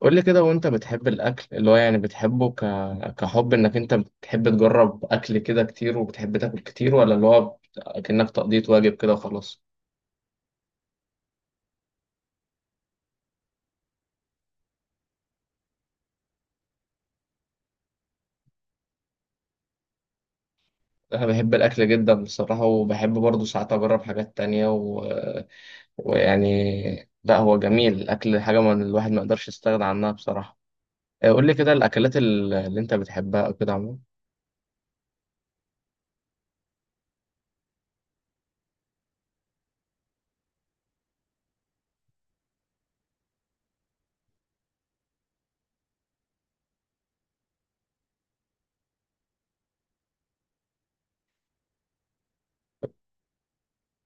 قول لي كده، وانت بتحب الاكل اللي هو يعني بتحبه كحب انك انت بتحب تجرب اكل كده كتير، وبتحب تاكل كتير، ولا اللي هو كأنك تقضية واجب كده وخلاص. انا بحب الاكل جدا بصراحة، وبحب برضه ساعات اجرب حاجات تانية ويعني لا، هو جميل الاكل، حاجة من الواحد ما يقدرش يستغنى عنها بصراحة. قول لي كده الاكلات اللي انت بتحبها او كده عموما.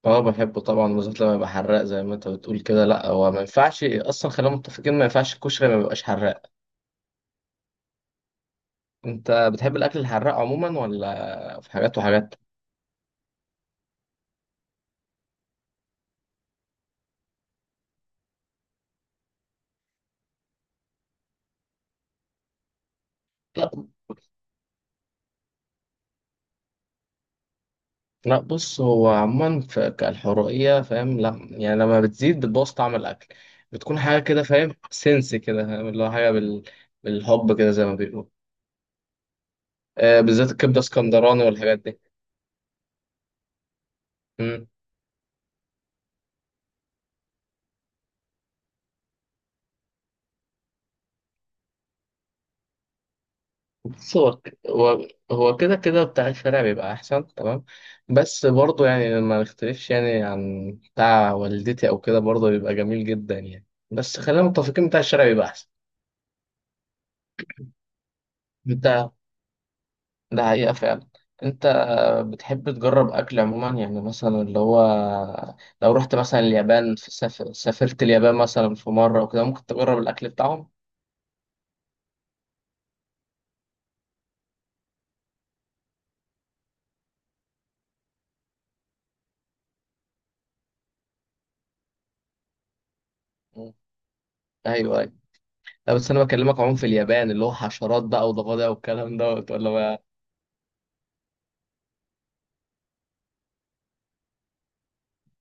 اه بحبه طبعا، بالذات لما يبقى حراق زي ما انت بتقول كده. لا هو ما ينفعش اصلا، خلينا متفقين ما ينفعش الكشري ما يبقاش حراق. انت بتحب الاكل الحراق عموما ولا في حاجات وحاجات؟ لا لا، بص هو عموما في كالحرقيه فاهم، لا يعني لما بتزيد بتبوظ طعم الاكل، بتكون حاجه كده فاهم، سنس كده فاهم، اللي هو حاجه بالحب كده زي ما بيقولوا. بالذات الكبده اسكندراني والحاجات دي. مم. بص هو كده كده بتاع الشارع بيبقى احسن، تمام. بس برضه يعني ما نختلفش يعني عن بتاع والدتي او كده برضه بيبقى جميل جدا يعني، بس خلينا متفقين بتاع الشارع بيبقى احسن. انت، ده حقيقة فعلا. انت بتحب تجرب اكل عموما، يعني مثلا اللي هو لو رحت مثلا اليابان، في سافرت اليابان مثلا في مرة وكده ممكن تجرب الاكل بتاعهم. مم. ايوه ايوه. لا بس انا بكلمك عموما في اليابان، اللي هو حشرات بقى وضفادع والكلام دوت ولا بقى.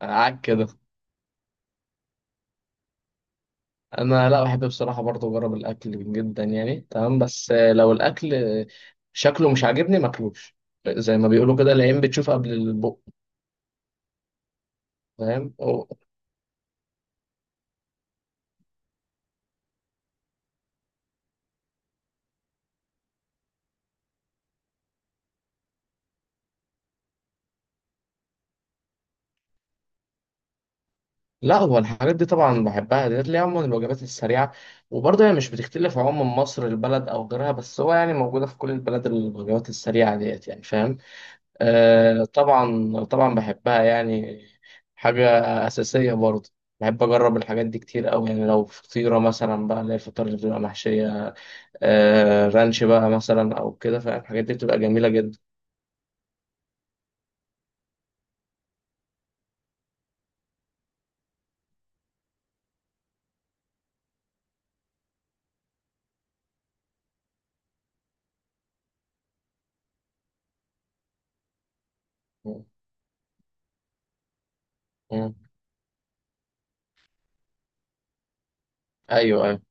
عك كده. انا لا بحب بصراحة برضه اجرب الاكل جدا يعني تمام، بس لو الاكل شكله مش عاجبني ماكلوش، زي ما بيقولوا كده العين بتشوف قبل البق. فاهم. لا هو الحاجات دي طبعا بحبها ديت، اللي هي عموما الوجبات السريعة، وبرضه هي مش بتختلف عموما مصر البلد أو غيرها، بس هو يعني موجودة في كل البلد الوجبات السريعة ديت يعني، فاهم. آه طبعا طبعا بحبها يعني، حاجة أساسية برضه. بحب أجرب الحاجات دي كتير أوي يعني، لو فطيرة مثلا بقى اللي هي الفطار اللي بتبقى محشية، آه رانش بقى مثلا أو كده فاهم، الحاجات دي بتبقى جميلة جدا. مم. أيوه أيوه أيوة،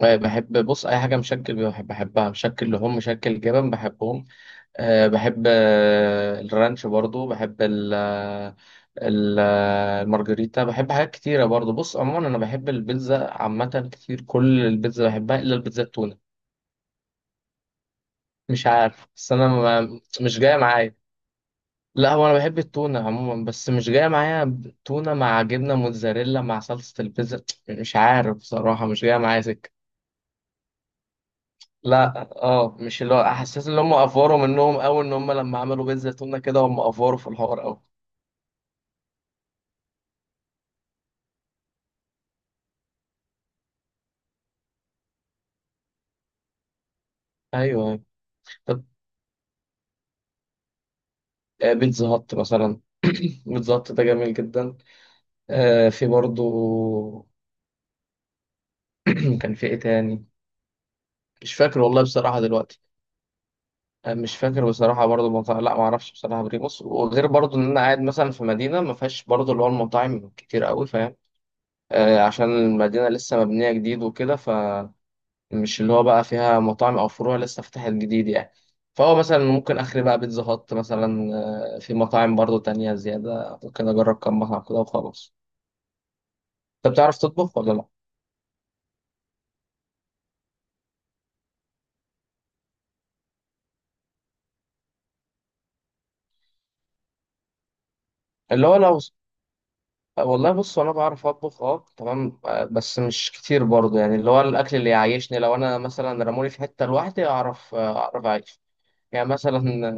طيب، بحب بص أي حاجة مشكل، بحب بحبها مشكل لحوم، مشكل جبن، بحبهم. أه بحب الرانش برضو، بحب المارجريتا بحب حاجات كتيرة برضو. بص عموما أنا بحب البيتزا عامة كتير، كل البيتزا بحبها إلا البيتزا التونة. مش عارف بس أنا ما مش جاية معايا. لا هو أنا بحب التونة عموما بس مش جاية معايا، تونة مع جبنة موتزاريلا مع صلصة البيتزا، مش عارف بصراحة مش جاية معايا سكة. لا اه، مش اللي هو حسيت ان هم افوروا منهم قوي، ان هم لما عملوا بيتزا تونه كده هم افوروا في الحوار قوي. ايوه أيوه. طب، بيتزا هات مثلا بيتزا هات ده جميل جدا. في برضو كان في ايه تاني. مش فاكر والله بصراحة دلوقتي. مش فاكر بصراحة برضو مطاعم، لا ما اعرفش بصراحة بريموس، وغير برضو ان انا قاعد مثلا في مدينة ما فيهاش برضو اللي هو المطاعم كتير قوي فاهم. عشان المدينة لسه مبنية جديد وكده فمش اللي هو بقى فيها مطاعم او فروع لسه فتحت جديد يعني. فهو مثلا ممكن اخري بقى بيتزا هات مثلا. في مطاعم برضو تانية زيادة ممكن اجرب كم مطعم كده وخلاص. انت بتعرف تطبخ ولا لا؟ اللي هو لو والله بص انا بعرف اطبخ اه تمام، بس مش كتير برضه يعني، اللي هو الاكل اللي يعيشني، لو انا مثلا رموني في حته لوحدي اعرف، اعرف اعيش. يعني مثلا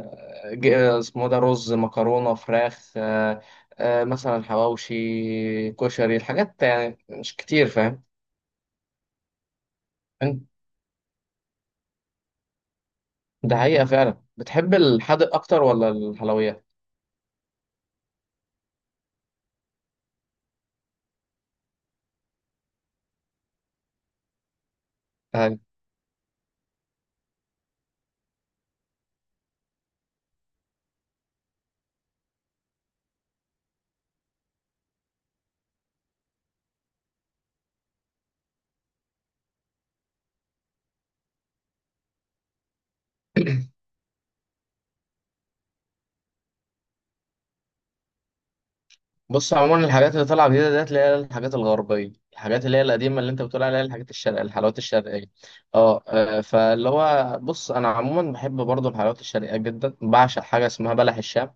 اسمه ده رز مكرونه فراخ، مثلا حواوشي كشري، الحاجات يعني مش كتير فاهم. أنت- ده حقيقه فعلا. بتحب الحادق اكتر ولا الحلويات؟ بص عموما الحاجات اللي طالعه جديده ديت اللي هي الحاجات الغربيه، الحاجات اللي هي القديمه اللي انت بتقول عليها الحاجات الشرقيه، الحلويات الشرقيه، اه فاللي هو بص، انا عموما بحب برضو الحلويات الشرقيه جدا، بعشق حاجه اسمها بلح الشام.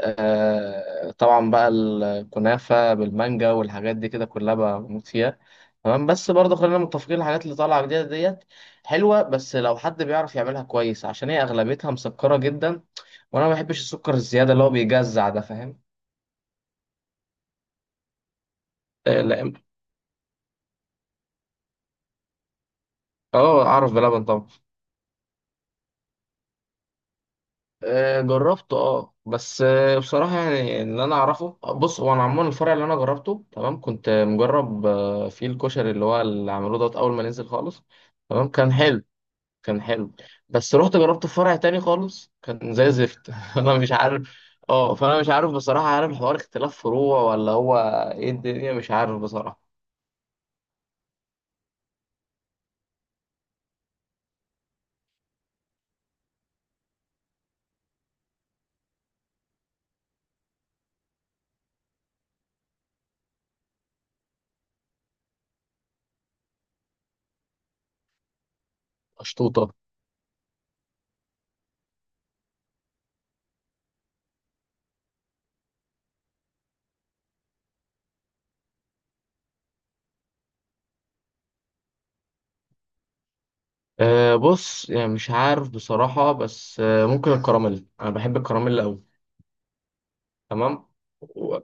آه طبعا بقى الكنافه بالمانجا والحاجات دي كده كلها بموت فيها، تمام. بس برضه خلينا متفقين الحاجات اللي طالعه جديده ديت حلوه، بس لو حد بيعرف يعملها كويس، عشان هي اغلبيتها مسكره جدا، وانا ما بحبش السكر الزياده اللي هو بيجزع ده. فاهم. اه اعرف بلبن طبعا. جربته اه، بس بصراحه يعني اللي انا اعرفه، بص هو انا عموما الفرع اللي انا جربته تمام، كنت مجرب فيه الكشري اللي هو اللي عملوه دوت اول ما نزل خالص، تمام كان حلو، كان حلو. بس رحت جربت في فرع تاني خالص كان زي زفت انا مش عارف. اه فانا مش عارف بصراحه، عارف الحوار اختلاف فروع ولا هو، ايه الدنيا مش عارف بصراحه. اشطوطه. أه بص يعني مش عارف بصراحة، بس ممكن الكراميل، أنا بحب الكراميل أوي، تمام و-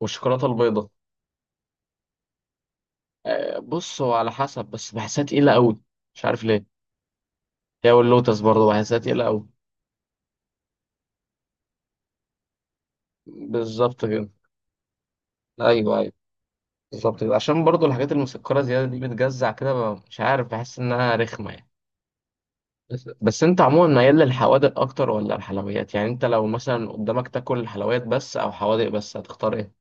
والشوكولاته البيضاء. بص هو على حسب، بس بحسها تقيله قوي، مش عارف ليه، هي واللوتس برضه بحسها تقيله قوي. بالظبط كده. ايوه ايوه، بالظبط كده، عشان برضه الحاجات المسكره زياده دي بتجزع كده، مش عارف بحس انها رخمه يعني. بس، انت عموما ميال للحوادق اكتر ولا الحلويات؟ يعني انت لو مثلا قدامك تاكل الحلويات بس او حوادق بس هتختار ايه؟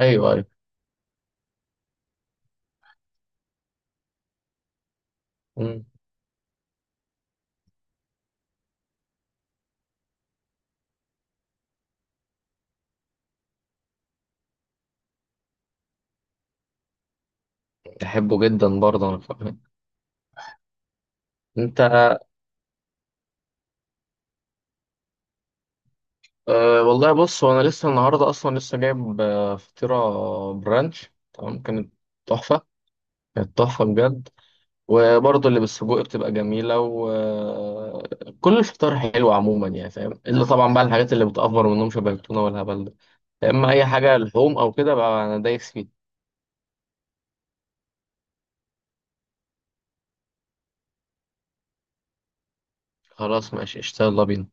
ايوه ايوه. مم. بحبه جدا برضه انا كمان. انت. أه والله بص هو انا لسه النهارده اصلا لسه جايب فطيره برانش، تمام كانت تحفه، كانت تحفه بجد. وبرضه اللي بالسجق بتبقى جميله، وكل الفطار حلو عموما يعني فاهم، الا طبعا بقى الحاجات اللي بتأفور منهم شبه التونه والهبل ده. يا اما اي حاجه لحوم او كده بقى انا دايس فيه. خلاص ماشي اشتغل يلا بينا.